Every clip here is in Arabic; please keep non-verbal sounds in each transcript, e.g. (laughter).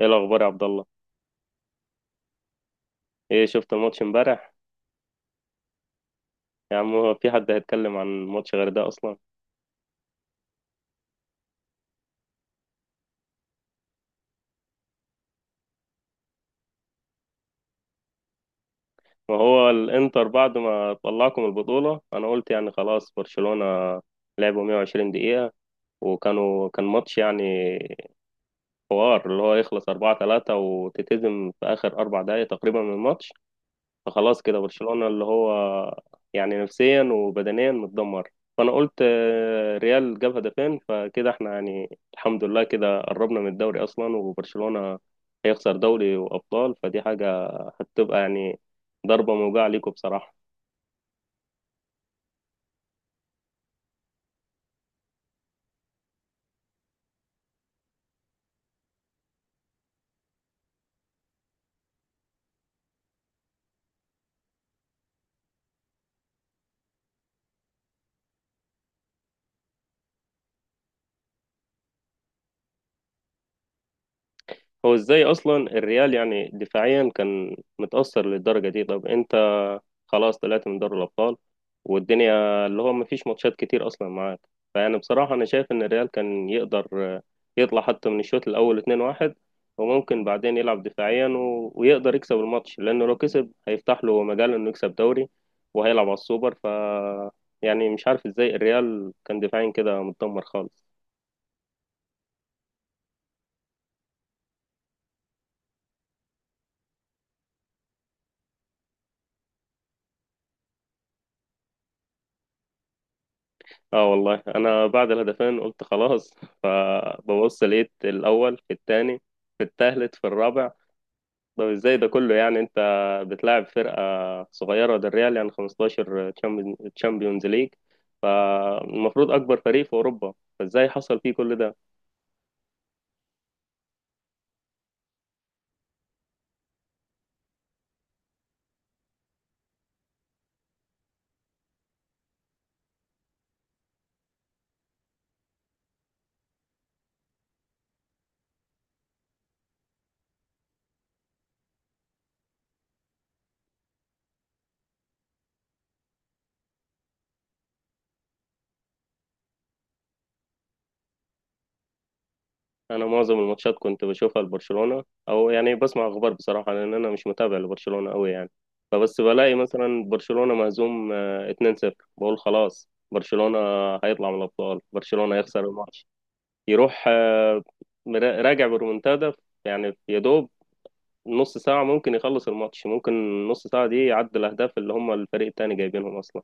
ايه الاخبار يا عبد الله؟ ايه، شفت الماتش امبارح؟ يا عم، هو في حد هيتكلم عن ماتش غير ده اصلا؟ ما هو الانتر، بعد ما طلعكم البطولة، انا قلت يعني خلاص برشلونة لعبوا 120 دقيقة، وكانوا كان ماتش، يعني حوار اللي هو يخلص 4-3 وتتهزم في اخر اربع دقايق تقريبا من الماتش. فخلاص كده برشلونة اللي هو يعني نفسيا وبدنيا متدمر، فانا قلت ريال جاب هدفين، فكده احنا يعني الحمد لله كده قربنا من الدوري اصلا، وبرشلونة هيخسر دوري وابطال، فدي حاجة هتبقى يعني ضربة موجعة ليكم بصراحة. هو ازاي اصلا الريال يعني دفاعيا كان متأثر للدرجة دي؟ طب انت خلاص طلعت من دوري الابطال، والدنيا اللي هو مفيش ماتشات كتير اصلا معاك، فيعني بصراحة انا شايف ان الريال كان يقدر يطلع حتى من الشوط الاول 2-1، وممكن بعدين يلعب دفاعيا ويقدر يكسب الماتش، لانه لو كسب هيفتح له مجال انه يكسب دوري وهيلعب على السوبر، ف يعني مش عارف ازاي الريال كان دفاعيا كده متدمر خالص. اه والله انا بعد الهدفين قلت خلاص (laughs) فببص لقيت الاول في الثاني، في الثالث، في الرابع. طب ازاي ده كله؟ يعني انت بتلاعب فرقه صغيره، ده الريال يعني 15 تشامبيونز ليج، فالمفروض اكبر فريق في اوروبا، فازاي حصل فيه كل ده؟ انا معظم الماتشات كنت بشوفها لبرشلونة، او يعني بسمع اخبار بصراحة لان انا مش متابع لبرشلونة قوي يعني، فبس بلاقي مثلا برشلونة مهزوم 2-0، بقول خلاص برشلونة هيطلع من الابطال، برشلونة هيخسر الماتش، يروح راجع برومنتادا، يعني يا دوب نص ساعة ممكن يخلص الماتش، ممكن نص ساعة دي يعدل الاهداف اللي هم الفريق التاني جايبينهم اصلا.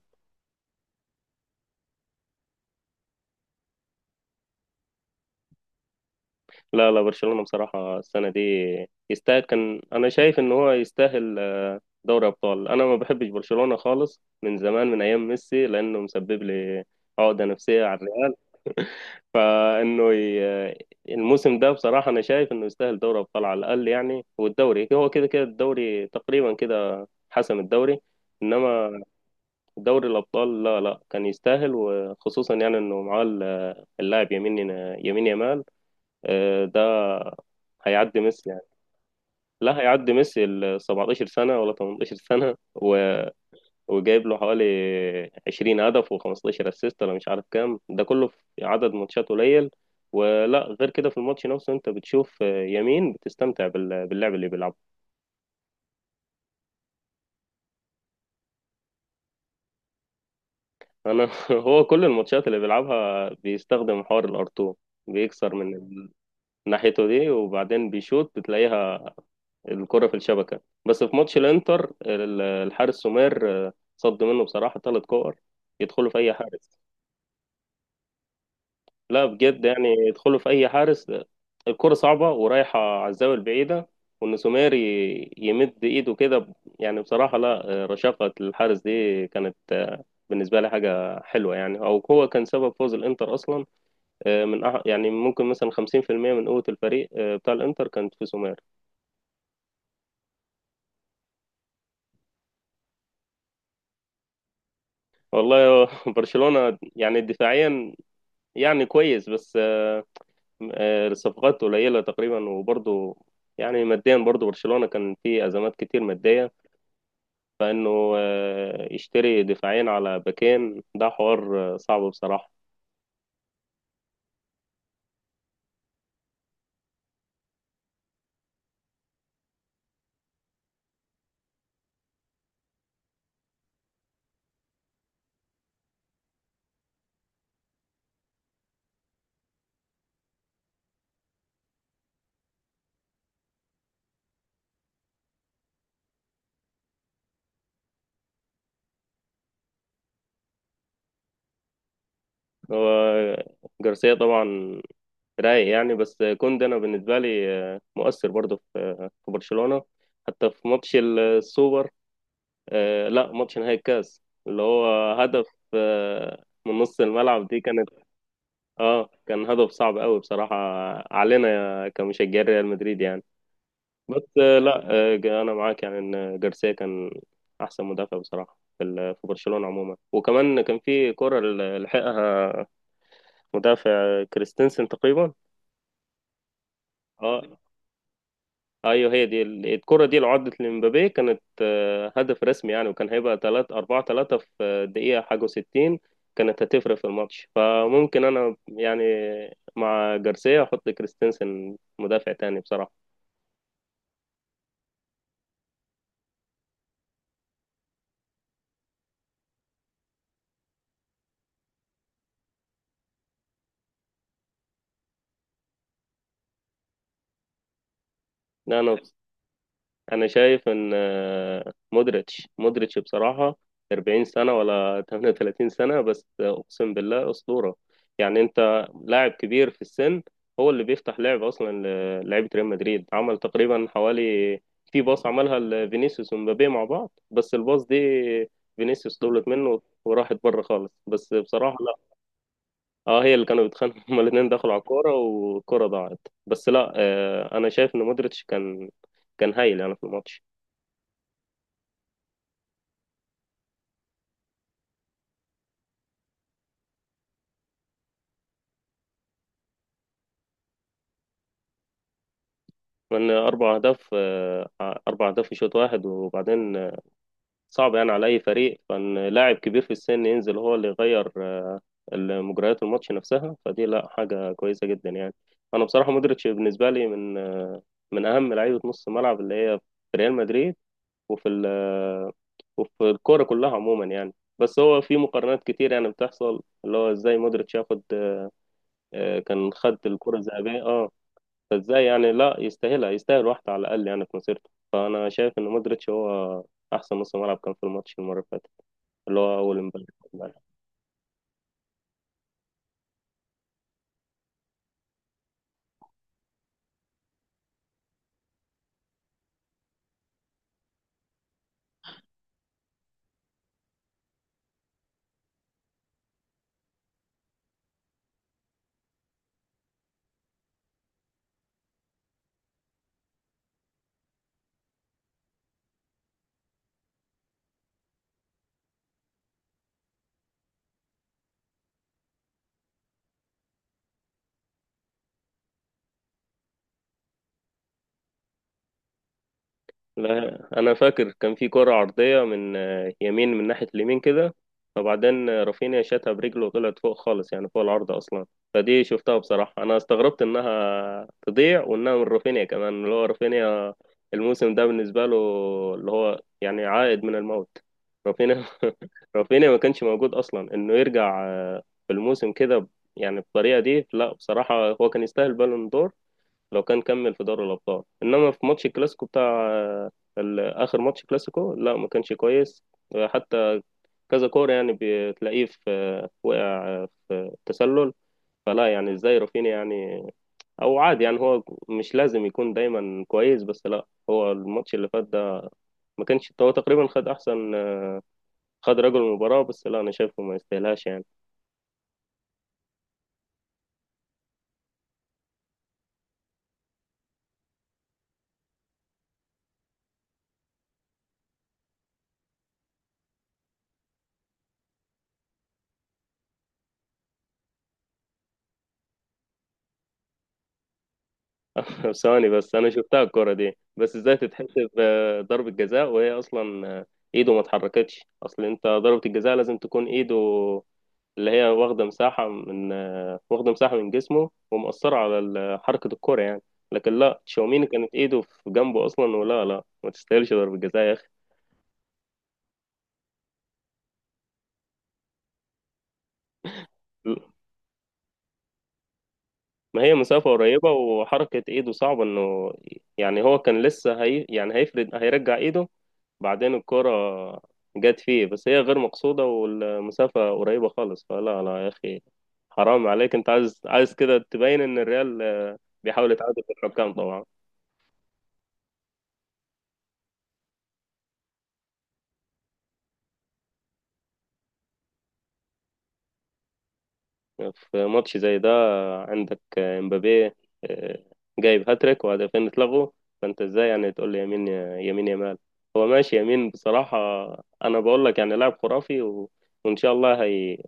لا لا برشلونة بصراحة السنة دي يستاهل، كان أنا شايف إن هو يستاهل دوري أبطال. أنا ما بحبش برشلونة خالص من زمان، من أيام ميسي، لأنه مسبب لي عقدة نفسية على الريال، فإنه ي- آه، الموسم ده بصراحة أنا شايف إنه يستاهل دوري أبطال على الأقل يعني، والدوري هو كده كده الدوري تقريبا كده حسم الدوري، إنما دوري الأبطال لا لا كان يستاهل، وخصوصا يعني إنه معاه اللاعب يمين، يمين يمال، ده هيعدي ميسي يعني. لا هيعدي ميسي ال 17 سنة ولا 18 سنة وجايب له حوالي 20 هدف و15 اسيست، ولا مش عارف كام ده كله في عدد ماتشات قليل، ولا غير كده في الماتش نفسه انت بتشوف يمين بتستمتع باللعب اللي بيلعبه. انا (laughs) هو كل الماتشات اللي بيلعبها بيستخدم حوار الار2، بيكسر من ناحيته دي وبعدين بيشوط بتلاقيها الكرة في الشبكة، بس في ماتش الانتر الحارس سومير صد منه بصراحة ثلاث كور يدخلوا في اي حارس، لا بجد يعني يدخلوا في اي حارس، الكرة صعبة ورايحة على الزاوية البعيدة، وان سومير يمد ايده كده يعني بصراحة لا رشاقة الحارس دي كانت، بالنسبة لي حاجة حلوة يعني، او هو كان سبب فوز الانتر اصلا، من أح يعني ممكن مثلا 50% من قوة الفريق بتاع الانتر كانت في سومير. والله (laughs) برشلونة يعني دفاعيا يعني كويس، بس الصفقات قليلة تقريبا، وبرضه يعني ماديا برضه برشلونة كان فيه أزمات كتير مادية، فإنه يشتري دفاعين على باكين، ده حوار صعب بصراحة. هو جارسيا طبعا رايق يعني، بس كوندي أنا بالنسبة لي مؤثر برضه في برشلونة، حتى في ماتش السوبر، لا ماتش نهائي الكاس، اللي هو هدف من نص الملعب دي كانت، اه كان هدف صعب قوي بصراحة علينا كمشجعين ريال مدريد يعني. بس لا انا معاك يعني ان جارسيا كان احسن مدافع بصراحه في برشلونه عموما، وكمان كان في كره لحقها مدافع كريستنسن تقريبا. اه ايوه، هي دي الكره دي لو عدت لمبابي كانت هدف رسمي يعني، وكان هيبقى 3 4 3 في الدقيقه حاجه و60، كانت هتفرق في الماتش، فممكن انا يعني مع جارسيا احط كريستنسن مدافع تاني بصراحه. لا انا شايف ان مودريتش مودريتش بصراحه 40 سنه ولا 38 سنه، بس اقسم بالله اسطوره يعني، انت لاعب كبير في السن هو اللي بيفتح لعب اصلا، للعيبه ريال مدريد عمل تقريبا حوالي في باص عملها لفينيسيوس ومبابي مع بعض، بس الباص دي فينيسيوس طولت منه وراحت بره خالص، بس بصراحه لا. اه هي اللي كانوا بيتخانقوا (laughs) هما الاثنين دخلوا على الكوره والكوره ضاعت، بس لا آه انا شايف ان مودريتش كان هايل يعني في الماتش. كنا أربع أهداف، أربع أهداف في شوط واحد وبعدين، صعب يعني على أي فريق، فإن لاعب كبير في السن ينزل هو اللي يغير مجريات الماتش نفسها، فدي لا حاجة كويسة جدا يعني. أنا بصراحة مودريتش بالنسبة لي من أهم لعيبة نص الملعب اللي هي في ريال مدريد، وفي ال- آه، وفي الكورة كلها عموما يعني، بس هو في مقارنات كتير يعني بتحصل اللي هو ازاي مودريتش ياخد، كان خد الكرة الذهبية اه، فازاي يعني لا يستاهلها، يستاهل واحدة على الأقل يعني في مسيرته، فأنا شايف إن مودريتش هو أحسن نص ملعب كان في الماتش المرة اللي فاتت، اللي هو أول امبارح. لا انا فاكر كان في كرة عرضية من يمين، من ناحية اليمين كده، فبعدين رافينيا شاتها برجله وطلعت فوق خالص، يعني فوق العرض اصلا، فدي شفتها بصراحة، انا استغربت انها تضيع وانها من رافينيا كمان اللي هو رافينيا الموسم ده بالنسبة له اللي هو يعني عائد من الموت رافينيا. (laughs) رافينيا ما كانش موجود اصلا انه يرجع في الموسم كده، يعني بالطريقة دي، لا بصراحة هو كان يستاهل بالون دور لو كان كمل في دوري الابطال، انما في ماتش الكلاسيكو بتاع آه، اخر ماتش كلاسيكو لا ما كانش كويس، حتى كذا كوره يعني بتلاقيه في وقع في تسلل، فلا يعني ازاي رافينيا، يعني او عادي يعني هو مش لازم يكون دايما كويس، بس لا هو الماتش اللي فات ده ما كانش هو تقريبا خد احسن، خد رجل المباراة، بس لا انا شايفه ما يستاهلهاش يعني. ثواني بس انا شفتها الكرة دي، بس ازاي تتحسب ضربة جزاء وهي اصلا ايده ما اتحركتش، اصل انت ضربة الجزاء لازم تكون ايده اللي هي واخدة مساحة من واخدة مساحة من جسمه ومؤثرة على حركة الكرة يعني، لكن لا تشاوميني كانت ايده في جنبه اصلا، ولا لا ما تستاهلش ضربة جزاء يا اخي. ما هي مسافة قريبة وحركة ايده صعبة انه يعني، هو كان لسه هي يعني هيفرد هيرجع ايده بعدين الكرة جت فيه، بس هي غير مقصودة والمسافة قريبة خالص، فلا لا يا أخي حرام عليك، أنت عايز عايز كده تبين إن الريال بيحاول يتعادل في الحكام طبعا. في ماتش زي ده عندك امبابي، آه، جايب هاتريك وهدفين اتلغوا، فانت ازاي يعني تقول لي يمين، يمين يمال، هو ماشي يمين بصراحة، انا بقول لك يعني لاعب خرافي وان شاء الله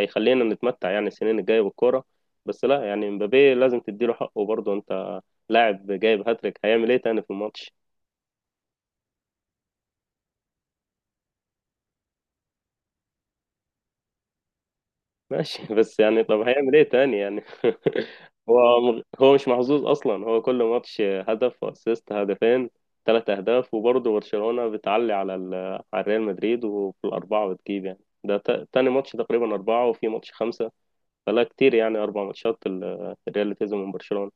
هيخلينا نتمتع يعني السنين الجاية بالكورة، بس لا يعني امبابي لازم تديله حقه برضه، انت لاعب جايب هاتريك، هيعمل ايه تاني في الماتش؟ ماشي (laughs) بس يعني طب هيعمل ايه تاني يعني؟ (laughs) هو هو مش محظوظ اصلا، هو كل ماتش هدف واسيست، هدفين، ثلاث اهداف، وبرضه برشلونة بتعلي على ريال مدريد، وفي الاربعة بتجيب يعني ده تاني ماتش تقريبا أربعة وفي ماتش خمسة، فلا كتير يعني أربع ماتشات الريال اللي كسبه من برشلونة.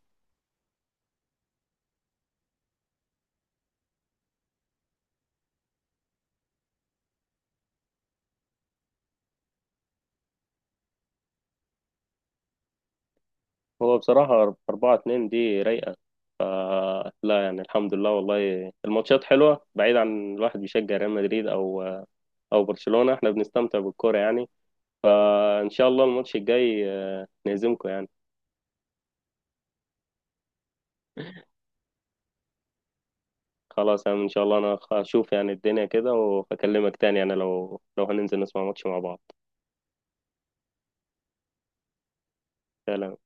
هو بصراحة أربعة اتنين دي رايقة، فلا يعني الحمد لله والله الماتشات حلوة، بعيد عن الواحد بيشجع ريال مدريد أو برشلونة، احنا بنستمتع بالكورة يعني، فان شاء الله الماتش الجاي نهزمكم يعني. خلاص يعني ان شاء الله، انا هشوف يعني الدنيا كده واكلمك تاني يعني، لو هننزل نسمع ماتش مع بعض. سلام.